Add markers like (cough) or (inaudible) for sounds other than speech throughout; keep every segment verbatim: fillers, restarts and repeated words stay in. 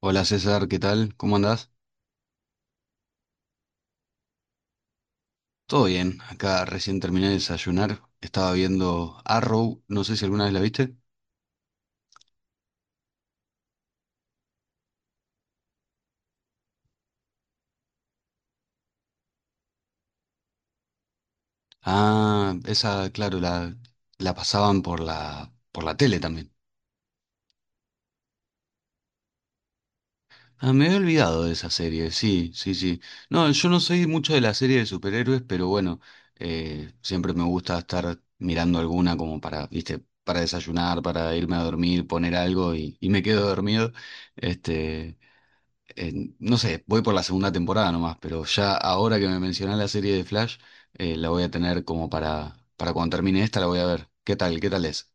Hola César, ¿qué tal? ¿Cómo andás? Todo bien, acá recién terminé de desayunar, estaba viendo Arrow, no sé si alguna vez la viste. Ah, esa, claro, la, la pasaban por la, por la tele también. Ah, me había olvidado de esa serie, sí, sí, sí. No, yo no soy mucho de la serie de superhéroes, pero bueno, eh, siempre me gusta estar mirando alguna como para, viste, para desayunar, para irme a dormir, poner algo y, y me quedo dormido. Este, eh, no sé, voy por la segunda temporada nomás, pero ya ahora que me mencionás la serie de Flash, eh, la voy a tener como para, para cuando termine esta, la voy a ver. ¿Qué tal? ¿Qué tal es?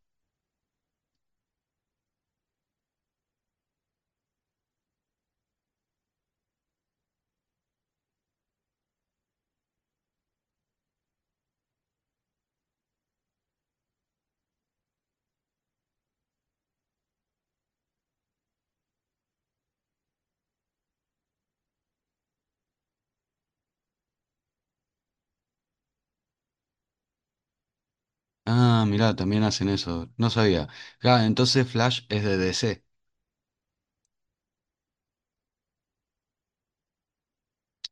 Ah, mirá, también hacen eso. No sabía. Claro, entonces Flash es de D C.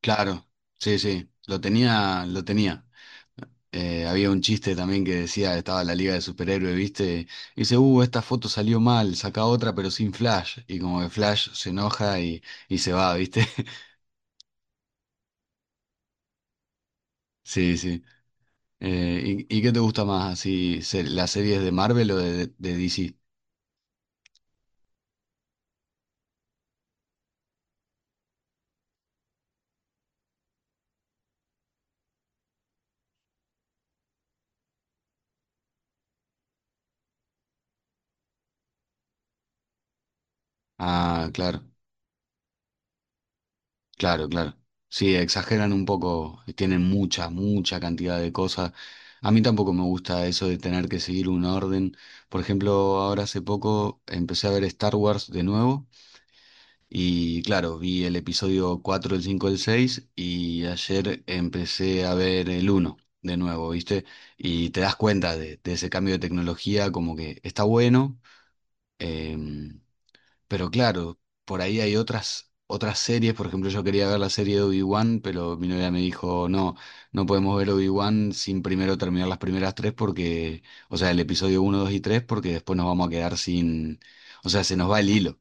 Claro, sí, sí, lo tenía, lo tenía. Eh, había un chiste también que decía, estaba la Liga de Superhéroes, ¿viste? Y dice, uh, esta foto salió mal, saca otra pero sin Flash. Y como que Flash se enoja y, y se va, ¿viste? (laughs) Sí, sí. Eh, ¿y, y qué te gusta más, así, se- las series de Marvel o de, de D C? Ah, claro, claro, claro. Sí, exageran un poco, tienen mucha, mucha cantidad de cosas. A mí tampoco me gusta eso de tener que seguir un orden. Por ejemplo, ahora hace poco empecé a ver Star Wars de nuevo y claro, vi el episodio cuatro el cinco el seis y ayer empecé a ver el uno de nuevo, ¿viste? Y te das cuenta de, de ese cambio de tecnología, como que está bueno. Em, pero claro, por ahí hay otras, otras series. Por ejemplo, yo quería ver la serie de Obi-Wan, pero mi novia me dijo, no, no podemos ver Obi-Wan sin primero terminar las primeras tres porque, o sea, el episodio uno dos y tres porque después nos vamos a quedar sin, o sea, se nos va el hilo.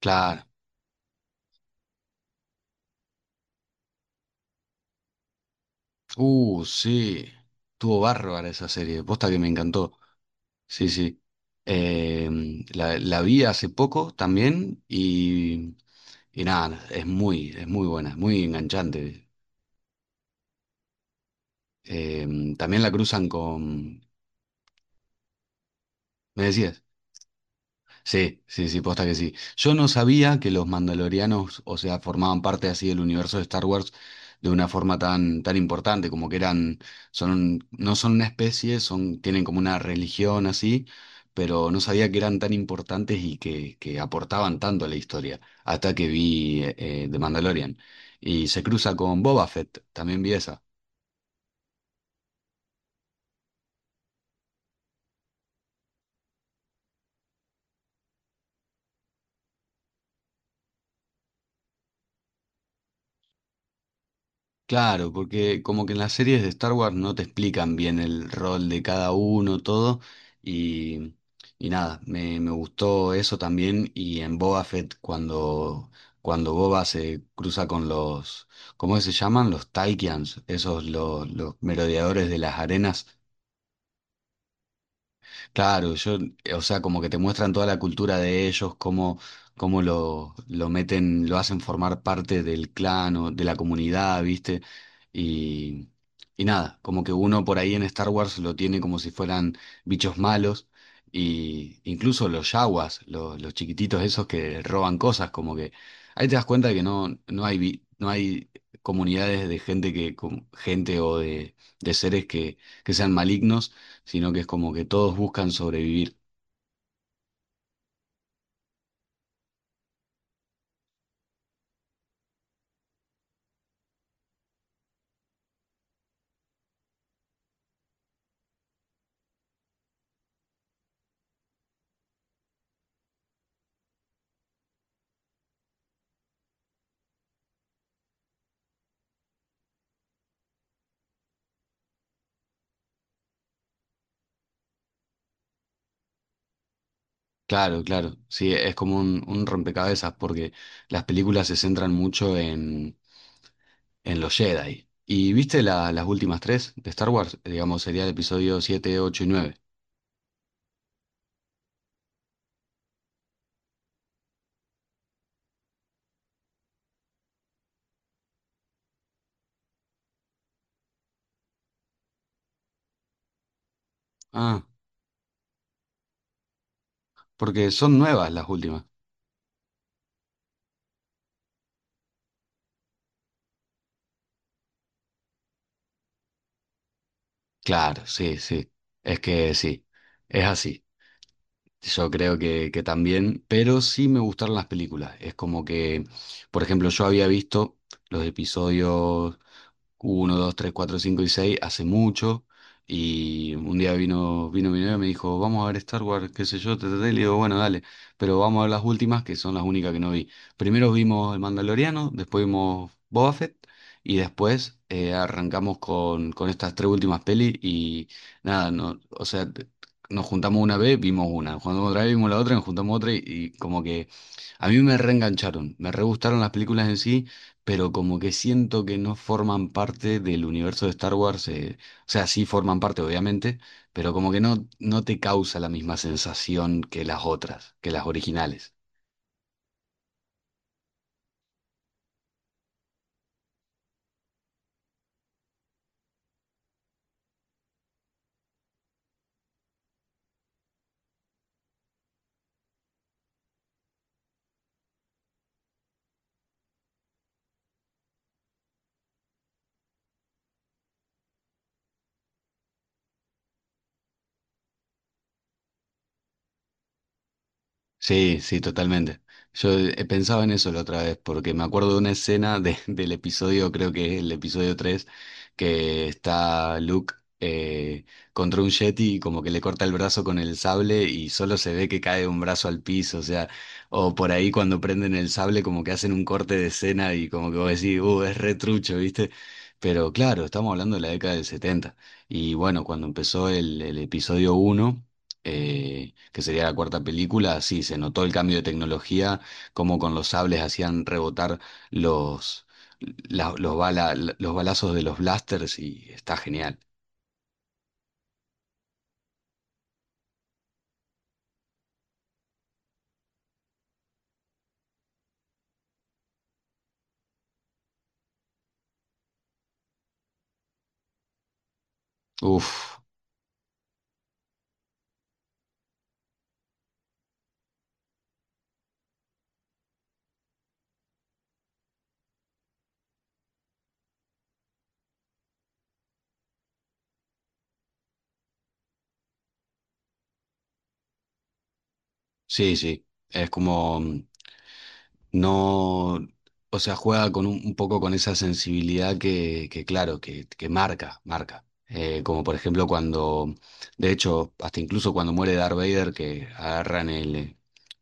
Claro. Uh, sí. Tuvo bárbara esa serie. Posta que me encantó. Sí, sí. Em, la, la vi hace poco también y, y nada, es muy, es muy buena, es muy enganchante. Em, también la cruzan con... ¿Me decías? Sí, sí, sí, posta que sí. Yo no sabía que los mandalorianos, o sea, formaban parte así del universo de Star Wars de una forma tan, tan importante, como que eran, son, no son una especie, son, tienen como una religión así, pero no sabía que eran tan importantes y que, que aportaban tanto a la historia, hasta que vi eh, eh, The Mandalorian. Y se cruza con Boba Fett, también vi esa. Claro, porque como que en las series de Star Wars no te explican bien el rol de cada uno, todo, y, y nada, me, me gustó eso también, y en Boba Fett cuando, cuando Boba se cruza con los, ¿cómo se llaman? Los Taikians, esos los, los merodeadores de las arenas. Claro, yo, eh, o sea, como que te muestran toda la cultura de ellos, cómo, cómo lo, lo meten, lo hacen formar parte del clan o de la comunidad, ¿viste? Y, y nada, como que uno por ahí en Star Wars lo tiene como si fueran bichos malos, y incluso los yaguas, los, los chiquititos esos que roban cosas, como que ahí te das cuenta que no, no hay, vi- no hay comunidades de gente que, com- gente o de, de seres que, que sean malignos, sino que es como que todos buscan sobrevivir. Claro, claro, sí, es como un, un rompecabezas porque las películas se centran mucho en, en los Jedi. ¿Y viste la- las últimas tres de Star Wars? Digamos, sería el episodio siete ocho y nueve. Ah, porque son nuevas las últimas. Claro, sí, sí, es que sí, es así. Yo creo que, que también, pero sí me gustaron las películas. Es como que, por ejemplo, yo había visto los episodios uno dos tres cuatro cinco y seis hace mucho. Y un día vino, vino mi novia y me dijo, vamos a ver Star Wars, qué sé yo, te y le digo, bueno, dale, pero vamos a ver las últimas, que son las únicas que no vi. Primero vimos El Mandaloriano, después vimos Boba Fett, y después eh, arrancamos con, con estas tres últimas pelis. Y nada, no, o sea, nos juntamos una vez, vimos una, jugando otra vez, vimos la otra, nos juntamos otra y, y como que a mí me reengancharon, me re gustaron las películas en sí, pero como que siento que no forman parte del universo de Star Wars, eh, o sea, sí forman parte obviamente, pero como que no, no te causa la misma sensación que las otras, que las originales. Sí, sí, totalmente. Yo he pensado en eso la otra vez, porque me acuerdo de una escena de- (laughs) del episodio, creo que es el episodio tres, que está Luke eh, contra un Yeti y como que le corta el brazo con el sable y solo se ve que cae un brazo al piso, o sea, o por ahí cuando prenden el sable como que hacen un corte de escena y como que vos decís, uh, es retrucho, ¿viste? Pero claro, estamos hablando de la década del setenta y bueno, cuando empezó el, el episodio uno eh, que sería la cuarta película, sí, se notó el cambio de tecnología, como con los sables hacían rebotar los, la- los, bala- los balazos de los blasters y está genial. Uf, sí, sí, es como... mm, no, o sea, juega con un, un poco con esa sensibilidad que, que claro, que, que marca, marca. Eh, como por ejemplo cuando, de hecho, hasta incluso cuando muere Darth Vader, que agarran el,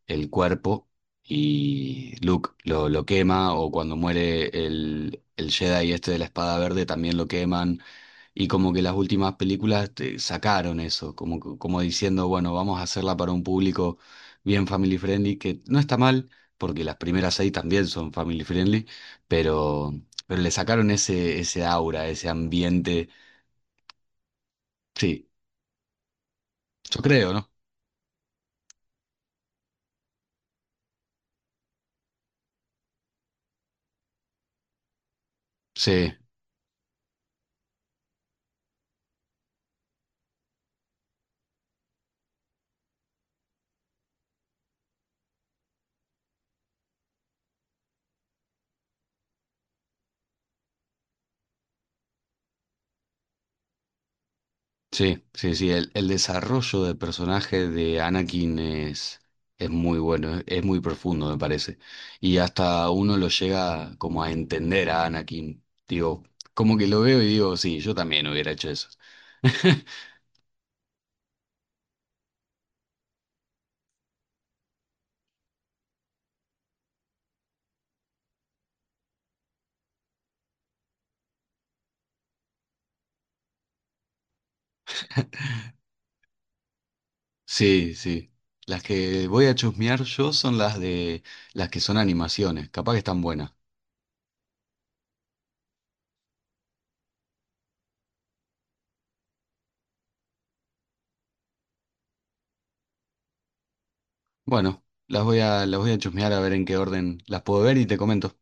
el cuerpo y Luke lo, lo quema, o cuando muere el, el Jedi este de la espada verde, también lo queman. Y como que las últimas películas te sacaron eso, como, que- como diciendo, bueno, vamos a hacerla para un público bien family friendly, que no está mal, porque las primeras seis también son family friendly, pero, pero le sacaron ese, ese aura, ese ambiente. Sí, yo creo, ¿no? Sí. Sí, sí, sí, el, el desarrollo del personaje de Anakin es, es muy bueno, es, es muy profundo, me parece. Y hasta uno lo llega como a entender a Anakin. Digo, como que lo veo y digo, sí, yo también hubiera hecho eso. (laughs) Sí, sí. Las que voy a chusmear yo son las de las que son animaciones, capaz que están buenas. Bueno, las voy a, las voy a chusmear a ver en qué orden las puedo ver y te comento.